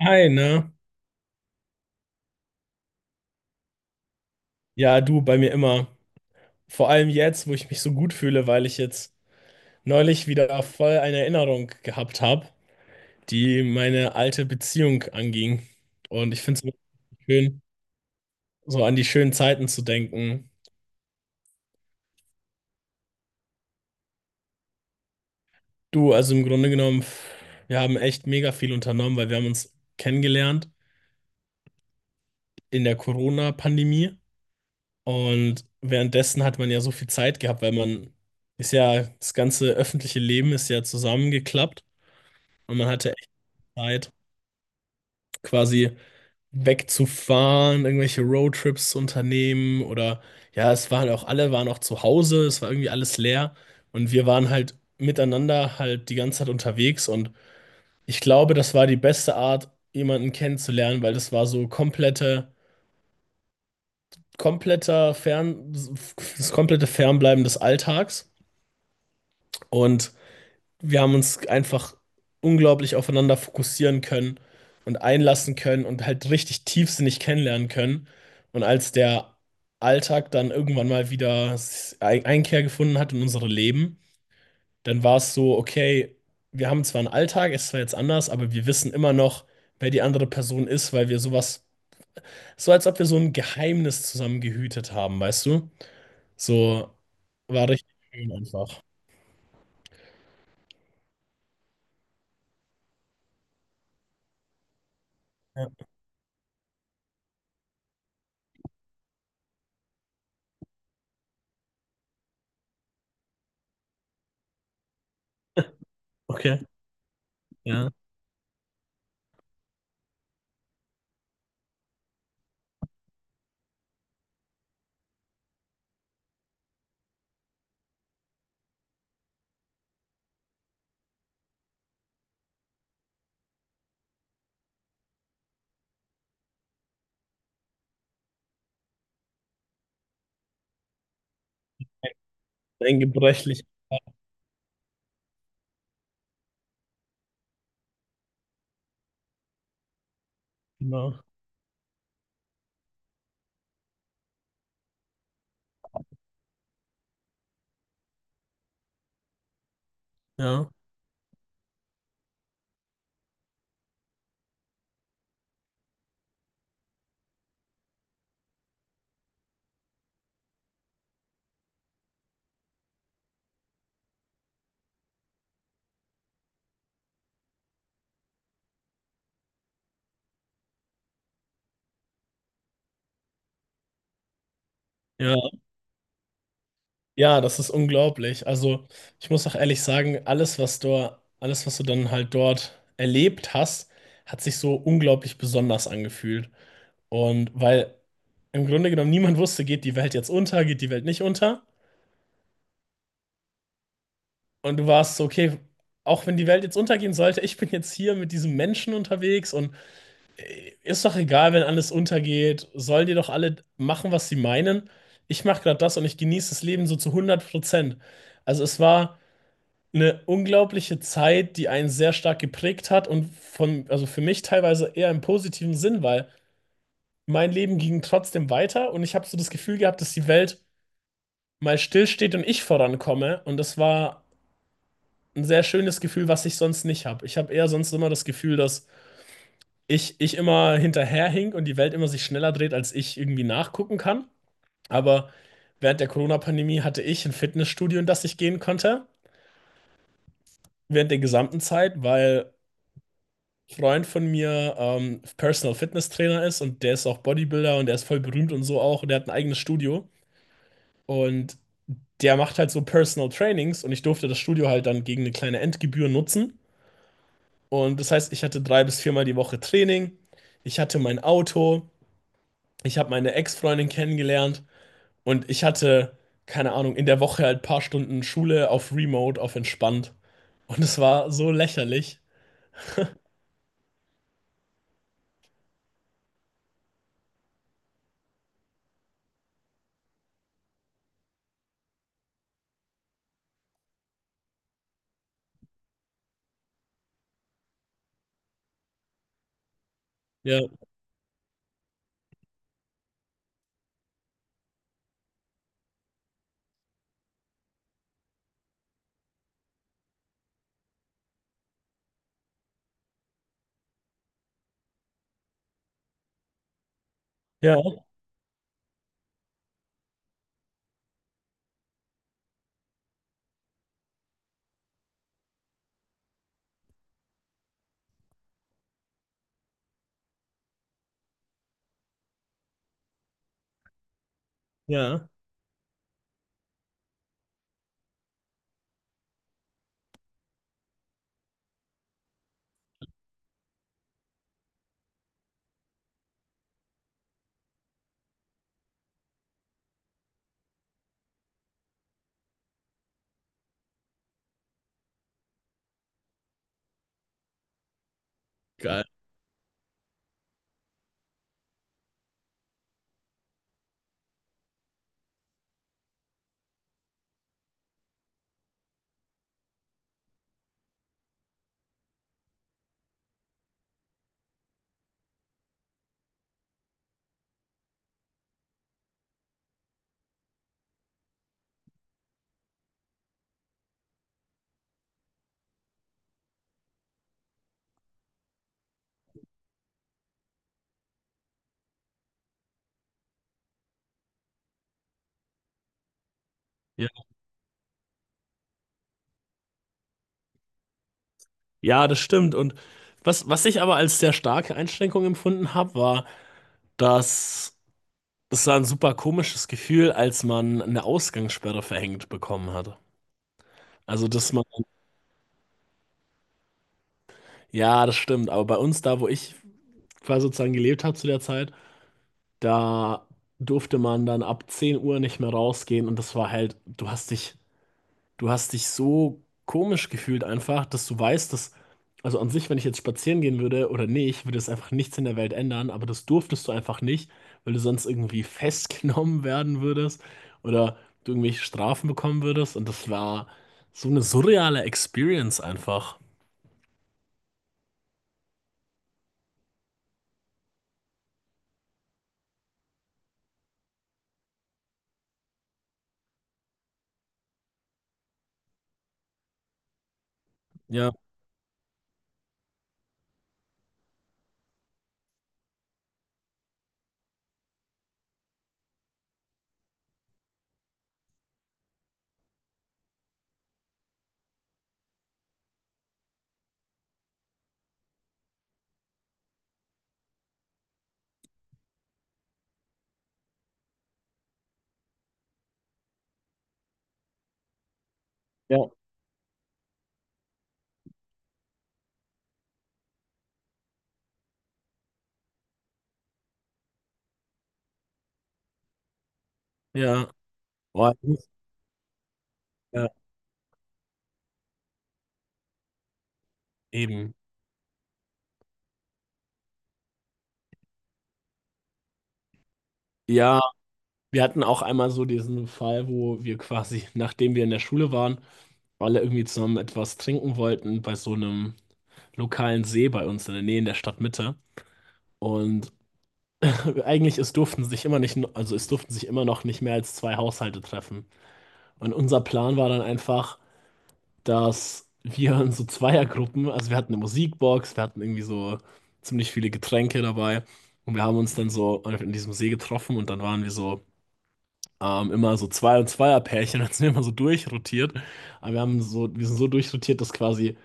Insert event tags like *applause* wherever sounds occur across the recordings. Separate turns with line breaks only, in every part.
Hi, ne? Ja, du bei mir immer. Vor allem jetzt, wo ich mich so gut fühle, weil ich jetzt neulich wieder voll eine Erinnerung gehabt habe, die meine alte Beziehung anging. Und ich finde es wirklich schön, so an die schönen Zeiten zu denken. Du, also im Grunde genommen, wir haben echt mega viel unternommen, weil wir haben uns kennengelernt in der Corona-Pandemie. Und währenddessen hat man ja so viel Zeit gehabt, weil man ist ja, das ganze öffentliche Leben ist ja zusammengeklappt und man hatte echt Zeit, quasi wegzufahren, irgendwelche Roadtrips zu unternehmen oder ja, es waren auch alle waren auch zu Hause, es war irgendwie alles leer und wir waren halt miteinander halt die ganze Zeit unterwegs und ich glaube, das war die beste Art, jemanden kennenzulernen, weil das war das komplette Fernbleiben des Alltags und wir haben uns einfach unglaublich aufeinander fokussieren können und einlassen können und halt richtig tiefsinnig kennenlernen können. Und als der Alltag dann irgendwann mal wieder Einkehr gefunden hat in unsere Leben, dann war es so, okay, wir haben zwar einen Alltag, es ist zwar jetzt anders, aber wir wissen immer noch, wer die andere Person ist, weil wir sowas, so als ob wir so ein Geheimnis zusammen gehütet haben, weißt du? So war richtig schön einfach. Ja. Okay, ja. Ein gebrechlich, genau. Ja, ja, ja, das ist unglaublich. Also, ich muss auch ehrlich sagen, alles, was du dann halt dort erlebt hast, hat sich so unglaublich besonders angefühlt. Und weil im Grunde genommen niemand wusste, geht die Welt jetzt unter, geht die Welt nicht unter. Und du warst so, okay, auch wenn die Welt jetzt untergehen sollte, ich bin jetzt hier mit diesem Menschen unterwegs und ist doch egal, wenn alles untergeht, sollen die doch alle machen, was sie meinen. Ich mache gerade das und ich genieße das Leben so zu 100%. Also, es war eine unglaubliche Zeit, die einen sehr stark geprägt hat und von, also für mich teilweise eher im positiven Sinn, weil mein Leben ging trotzdem weiter und ich habe so das Gefühl gehabt, dass die Welt mal stillsteht und ich vorankomme und das war ein sehr schönes Gefühl, was ich sonst nicht habe. Ich habe eher sonst immer das Gefühl, dass ich immer hinterherhink und die Welt immer sich schneller dreht, als ich irgendwie nachgucken kann. Aber während der Corona-Pandemie hatte ich ein Fitnessstudio, in das ich gehen konnte, während der gesamten Zeit, weil Freund von mir Personal Fitness Trainer ist und der ist auch Bodybuilder und der ist voll berühmt und so auch und der hat ein eigenes Studio und der macht halt so Personal Trainings und ich durfte das Studio halt dann gegen eine kleine Endgebühr nutzen und das heißt, ich hatte drei bis viermal die Woche Training, ich hatte mein Auto, ich habe meine Ex-Freundin kennengelernt und ich hatte, keine Ahnung, in der Woche halt ein paar Stunden Schule auf Remote, auf entspannt und es war so lächerlich. Ja, ja, ja, geil. Ja, das stimmt. Und was ich aber als sehr starke Einschränkung empfunden habe, war, dass es war ein super komisches Gefühl, als man eine Ausgangssperre verhängt bekommen hatte. Also, dass man, ja, das stimmt. Aber bei uns, da wo ich quasi sozusagen gelebt habe zu der Zeit, da durfte man dann ab 10 Uhr nicht mehr rausgehen und das war halt, du hast dich so komisch gefühlt einfach, dass du weißt, dass, also an sich, wenn ich jetzt spazieren gehen würde oder nicht, würde es einfach nichts in der Welt ändern, aber das durftest du einfach nicht, weil du sonst irgendwie festgenommen *laughs* werden würdest oder du irgendwelche Strafen bekommen würdest und das war so eine surreale Experience einfach. Ja, ja, ja. Boah, ich muss- ja, eben. Ja, wir hatten auch einmal so diesen Fall, wo wir quasi, nachdem wir in der Schule waren, alle irgendwie zusammen etwas trinken wollten bei so einem lokalen See bei uns in der Nähe in der Stadtmitte. Und *laughs* eigentlich es durften sich immer nicht, also es durften sich immer noch nicht mehr als zwei Haushalte treffen. Und unser Plan war dann einfach, dass wir in so Zweiergruppen, also wir hatten eine Musikbox, wir hatten irgendwie so ziemlich viele Getränke dabei und wir haben uns dann so in diesem See getroffen und dann waren wir so immer so Zweierpärchen, *laughs* dann sind wir immer so durchrotiert. Aber wir haben so, wir sind so durchrotiert, dass quasi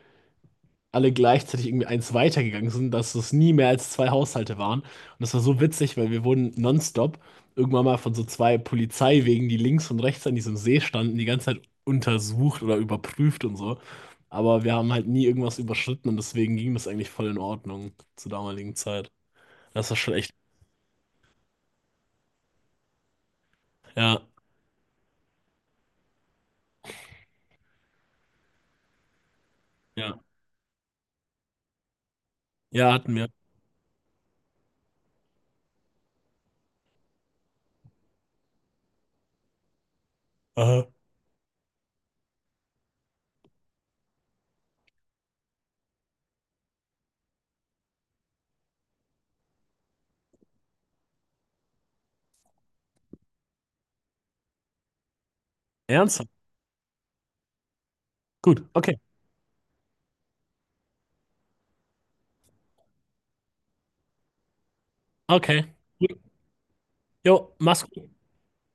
alle gleichzeitig irgendwie eins weitergegangen sind, dass es nie mehr als zwei Haushalte waren. Und das war so witzig, weil wir wurden nonstop irgendwann mal von so zwei Polizeiwegen, die links und rechts an diesem See standen, die ganze Zeit untersucht oder überprüft und so. Aber wir haben halt nie irgendwas überschritten und deswegen ging das eigentlich voll in Ordnung zur damaligen Zeit. Das war schon echt. Ja, ja, ja, hatten wir. Aha. Ernsthaft? Gut, okay, okay. Jo, mach's gut.